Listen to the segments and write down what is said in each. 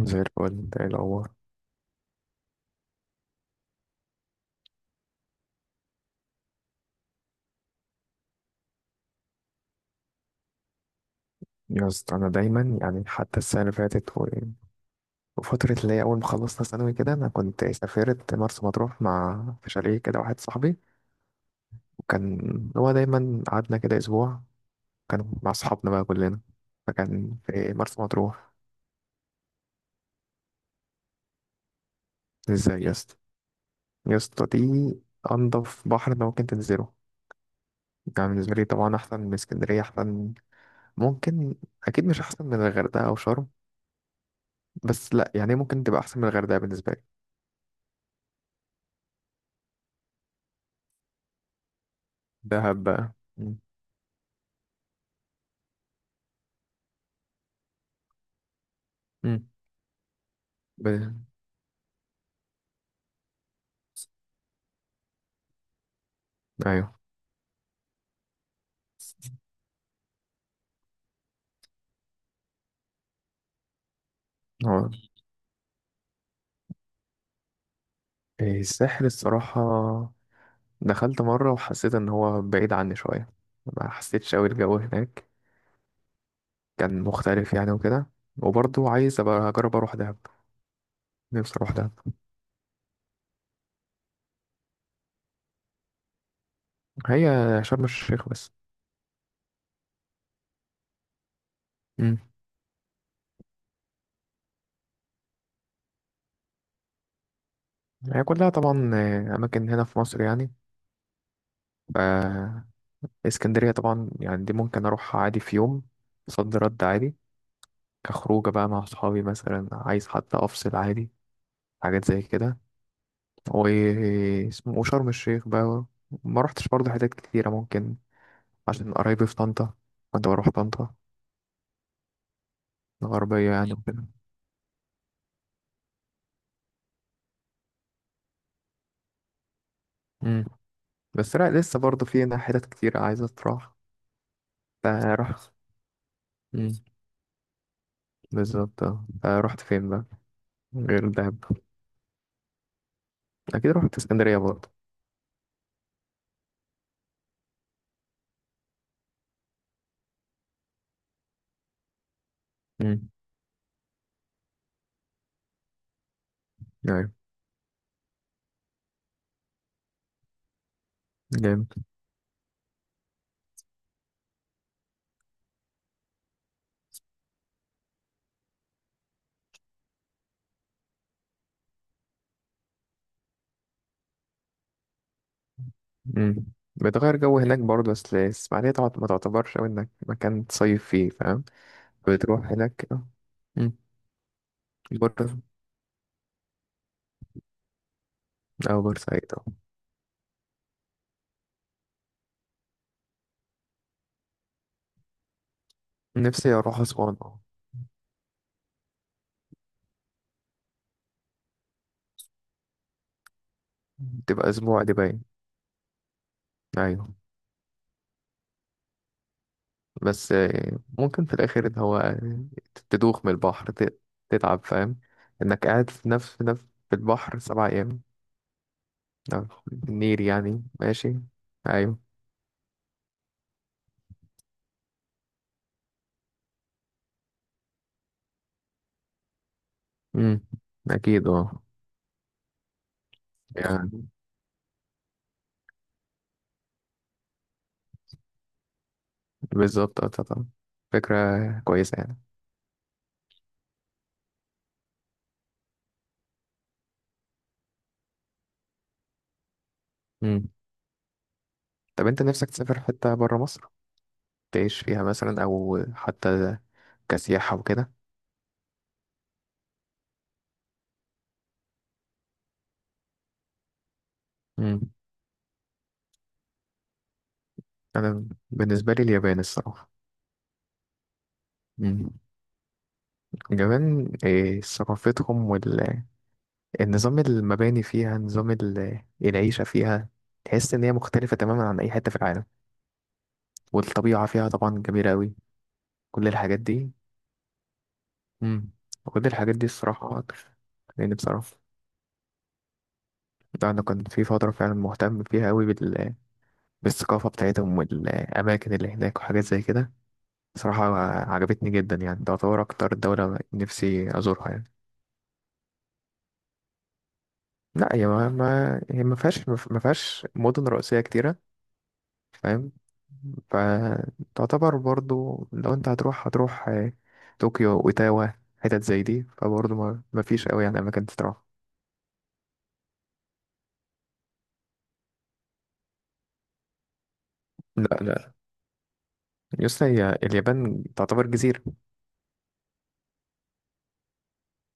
زي الفل، انت ايه الاخبار؟ يا اسطى، انا دايما يعني حتى السنه اللي فاتت وفتره اللي هي اول ما خلصنا ثانوي كده انا كنت سافرت مرسى مطروح مع في شاليه كده واحد صاحبي. وكان هو دايما، قعدنا كده اسبوع، كان مع اصحابنا بقى كلنا، فكان في مرسى مطروح. ازاي يا اسطى؟ يا اسطى دي انضف بحر انت ممكن تنزله. يعني بالنسبه لي طبعا احسن من اسكندريه، احسن. ممكن، اكيد مش احسن من الغردقه او شرم، بس لا يعني ممكن تبقى احسن من الغردقه بالنسبه لي. دهب بقى. مم. ب، ايوه. هو الساحل الصراحة دخلت مرة وحسيت ان هو بعيد عني شوية، ما حسيتش اوي الجو هناك، كان مختلف يعني وكده. وبرضه عايز ابقى اجرب اروح دهب. نفسي اروح دهب. هي شرم الشيخ بس. مم. هي كلها طبعا اماكن هنا في مصر يعني. ف اسكندرية طبعا يعني دي ممكن اروحها عادي في يوم. صد رد عادي كخروجة بقى مع اصحابي مثلا، عايز حتى افصل عادي، حاجات زي كده. واسمه وشرم الشيخ بقى ما رحتش برضه حتت كتيرة ممكن، عشان قرايبي في طنطا كنت بروح طنطا، الغربية يعني وكده. مم. بس لا، لسه برضه في هنا حتت كتيرة عايزة تروح. فرحت. مم. بالظبط اه. فرحت فين بقى غير دهب؟ أكيد رحت اسكندرية برضه. مم. أيوة. جامد. مم. بتغير جو هناك برضه، بس الإسماعيلية ما تعتبرش أوي إنك مكان تصيف فيه، فاهم؟ بتروح هناك اه. مم. بورسعيد. أو بورسعيد أه. نفسي اروح اسوان اه. تبقى اسبوع دي باين. ايوه. بس ممكن في الاخر ان هو تدوخ من البحر، تتعب، فاهم؟ انك قاعد في نفس في البحر 7 ايام. أو في النيل يعني ماشي. ايوه. امم. اكيد اه. يعني بالظبط اه، طبعا فكرة كويسة يعني. امم. طب انت نفسك تسافر حتة برا مصر، تعيش فيها مثلا او حتى كسياحة وكده؟ امم. انا بالنسبة لي اليابان الصراحة. امم. جمال ثقافتهم والنظام، المباني فيها نظام العيشة فيها. تحس إن هي مختلفة تماما عن أي حتة في العالم، والطبيعة فيها طبعا جميلة أوي. كل الحاجات دي. مم. كل الحاجات دي الصراحة. لأن بصراحة ده أنا كان في فترة فعلا مهتم فيها أوي بالثقافة بتاعتهم والأماكن اللي هناك وحاجات زي كده صراحة. عجبتني جدا يعني، تعتبر أكتر دولة نفسي أزورها يعني. لا هي ما فيهاش مدن رئيسية كتيرة، فاهم؟ فتعتبر برضو لو انت هتروح، هتروح طوكيو وتاوا، حتت زي دي، فبرضو ما فيش قوي يعني اماكن تروح. لا يسطا، هي اليابان تعتبر جزيرة.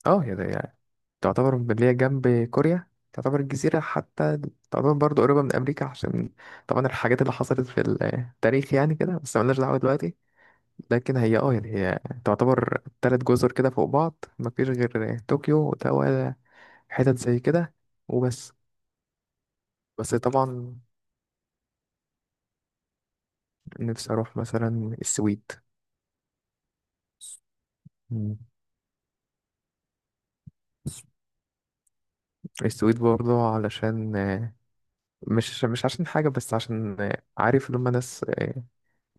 اه هي ده يعني، تعتبر اللي هي جنب كوريا، تعتبر جزيرة حتى، تعتبر برضو قريبة من أمريكا عشان طبعا الحاجات اللي حصلت في التاريخ يعني كده، بس ملناش دعوة دلوقتي. لكن هي اه يعني هي تعتبر 3 جزر كده فوق بعض، مفيش غير طوكيو وتاوا، حتت زي كده، وبس. بس طبعا نفسي اروح مثلا السويد. مم. السويد برضه علشان مش عشان حاجة، بس عشان عارف لما ناس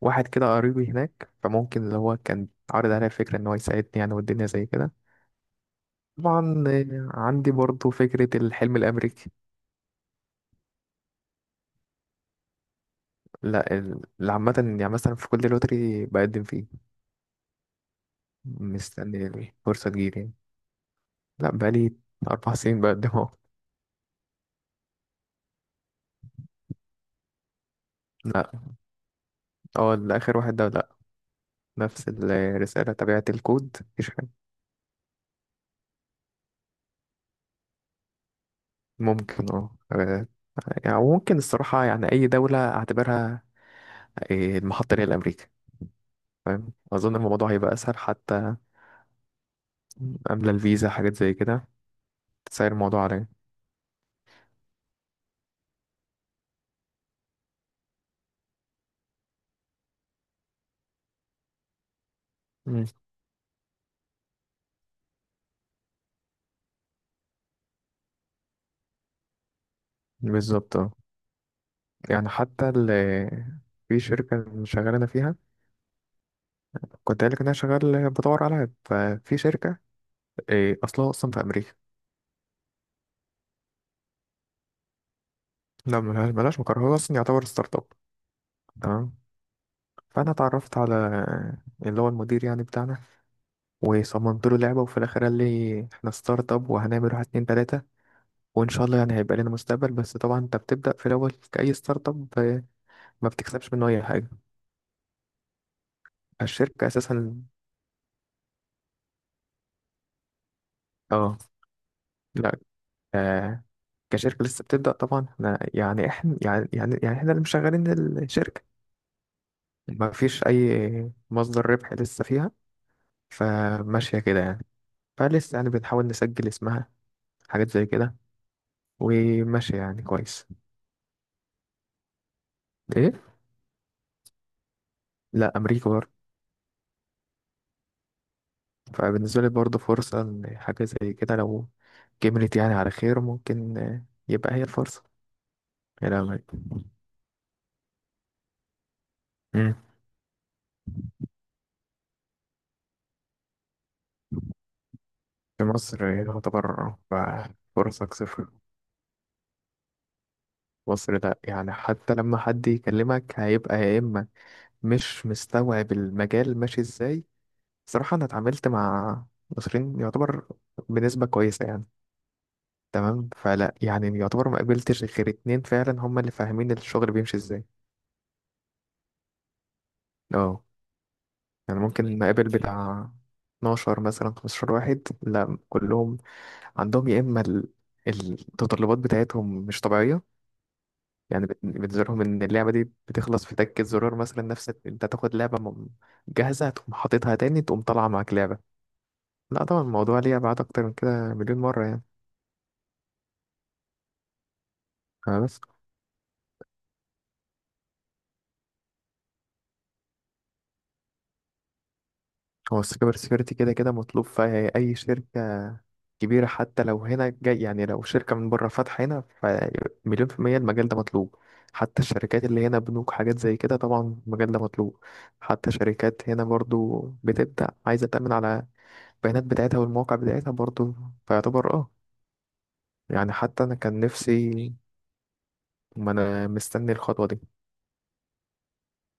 واحد كده قريبي هناك، فممكن اللي هو كان عارض عليا فكرة ان هو يساعدني يعني، والدنيا زي كده. طبعا عندي برضه فكرة الحلم الأمريكي. لا اللي عامة يعني مثلا في كل لوتري بقدم فيه. مستني الفرصة تجيلي. لا بقالي 4 سنين بقدم اهو. لا، هو الآخر واحد ده نفس الرسالة، تبعت الكود، مفيش حاجة. ممكن اه يعني ممكن الصراحة يعني أي دولة أعتبرها المحطة اللي هي أمريكا، فاهم؟ أظن الموضوع هيبقى أسهل حتى قبل الفيزا، حاجات زي كده تسهل الموضوع عليا. مم. بالظبط اه. يعني حتى في شركة اللي شغال أنا فيها، كنت قايل لك إن أنا شغال بدور على عيب. ففي شركة أصلها أصلا في أمريكا. لا ملهاش مقر، هو أصلا يعتبر ستارت أب. تمام. فأنا اتعرفت على اللي هو المدير يعني بتاعنا، وصممت له لعبة، وفي الآخر قال لي احنا ستارت اب وهنعمل واحد 2 3، وإن شاء الله يعني هيبقى لنا مستقبل. بس طبعا أنت بتبدأ في الأول كأي ستارت اب، ما بتكسبش منه أي حاجة. الشركة أساسا اه. لا آه، كشركة لسه بتبدأ طبعا. احنا يعني احنا اللي مشغلين الشركة، ما فيش أي مصدر ربح لسه فيها، فماشية كده يعني. فلسه يعني بنحاول نسجل اسمها، حاجات زي كده، وماشية يعني كويس. ايه. لا أمريكا برضه. فبالنسبة لي برضه فرصة إن حاجة زي كده لو كملت يعني على خير، ممكن يبقى هي الفرصة. يا لهوي. مم. في مصر يعتبر فرصك صفر. مصر ده يعني حتى لما حد يكلمك هيبقى يا إما مش مستوعب المجال ماشي إزاي. صراحة أنا اتعاملت مع مصريين يعتبر بنسبة كويسة يعني. تمام. فلا يعني يعتبر ما قابلتش غير اتنين فعلا هما اللي فاهمين الشغل بيمشي إزاي. اه. يعني ممكن مقابل بتاع 12 مثلا 15 واحد، لا كلهم عندهم يا اما المتطلبات بتاعتهم مش طبيعيه. يعني بالنسبه لهم ان اللعبه دي بتخلص في تكه زرار مثلا، نفس انت تاخد لعبه جاهزه تقوم حاططها تاني تقوم طالعه معاك لعبه. لا طبعا الموضوع ليه ابعاد اكتر من كده مليون مره يعني. بس. هو السايبر سيكيورتي كده كده مطلوب في أي شركة كبيرة، حتى لو هنا جاي يعني لو شركة من بره فاتحة هنا، فمليون في المية المجال ده مطلوب. حتى الشركات اللي هنا، بنوك، حاجات زي كده، طبعا المجال ده مطلوب. حتى شركات هنا برضو بتبدأ عايزة تأمن على البيانات بتاعتها والمواقع بتاعتها برضو، فيعتبر اه. يعني حتى أنا كان نفسي، ما أنا مستني الخطوة دي،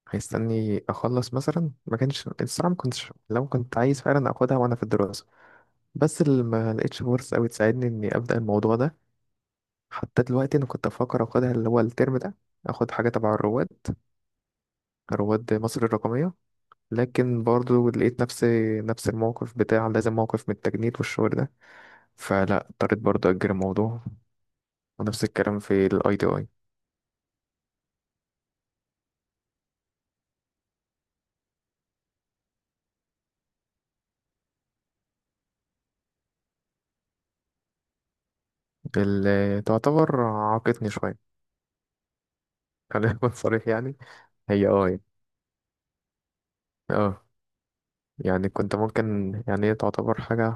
هيستني أخلص مثلا. ما كانش الصراحة، ما كنتش لو كنت عايز فعلا أخدها وأنا في الدراسة، بس اللي ما لقيتش فرص قوي تساعدني اني ابدا الموضوع ده. حتى دلوقتي انا كنت بفكر اخدها اللي هو الترم ده، اخد حاجه تبع الرواد، رواد مصر الرقميه. لكن برضو لقيت نفسي نفس الموقف بتاع لازم، موقف من التجنيد والشغل ده، فلا اضطريت برضو اجل الموضوع. ونفس الكلام في الاي تي اي، اللي تعتبر عاقتني شويه. خلينا نكون صريح يعني. هي اه اه يعني كنت ممكن يعني هي تعتبر حاجه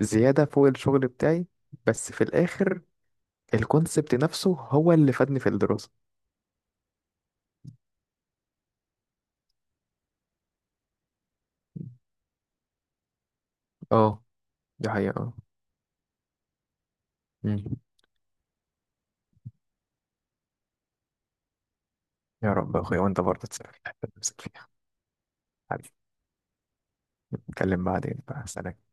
زياده فوق الشغل بتاعي، بس في الاخر الكونسبت نفسه هو اللي فادني في الدراسة. اه دي حقيقة اه. مم. يا رب يا أخويا، وأنت برضه تسافر الحتة اللي نفسك فيها. حبيبي. نتكلم بعدين بقى، سلام.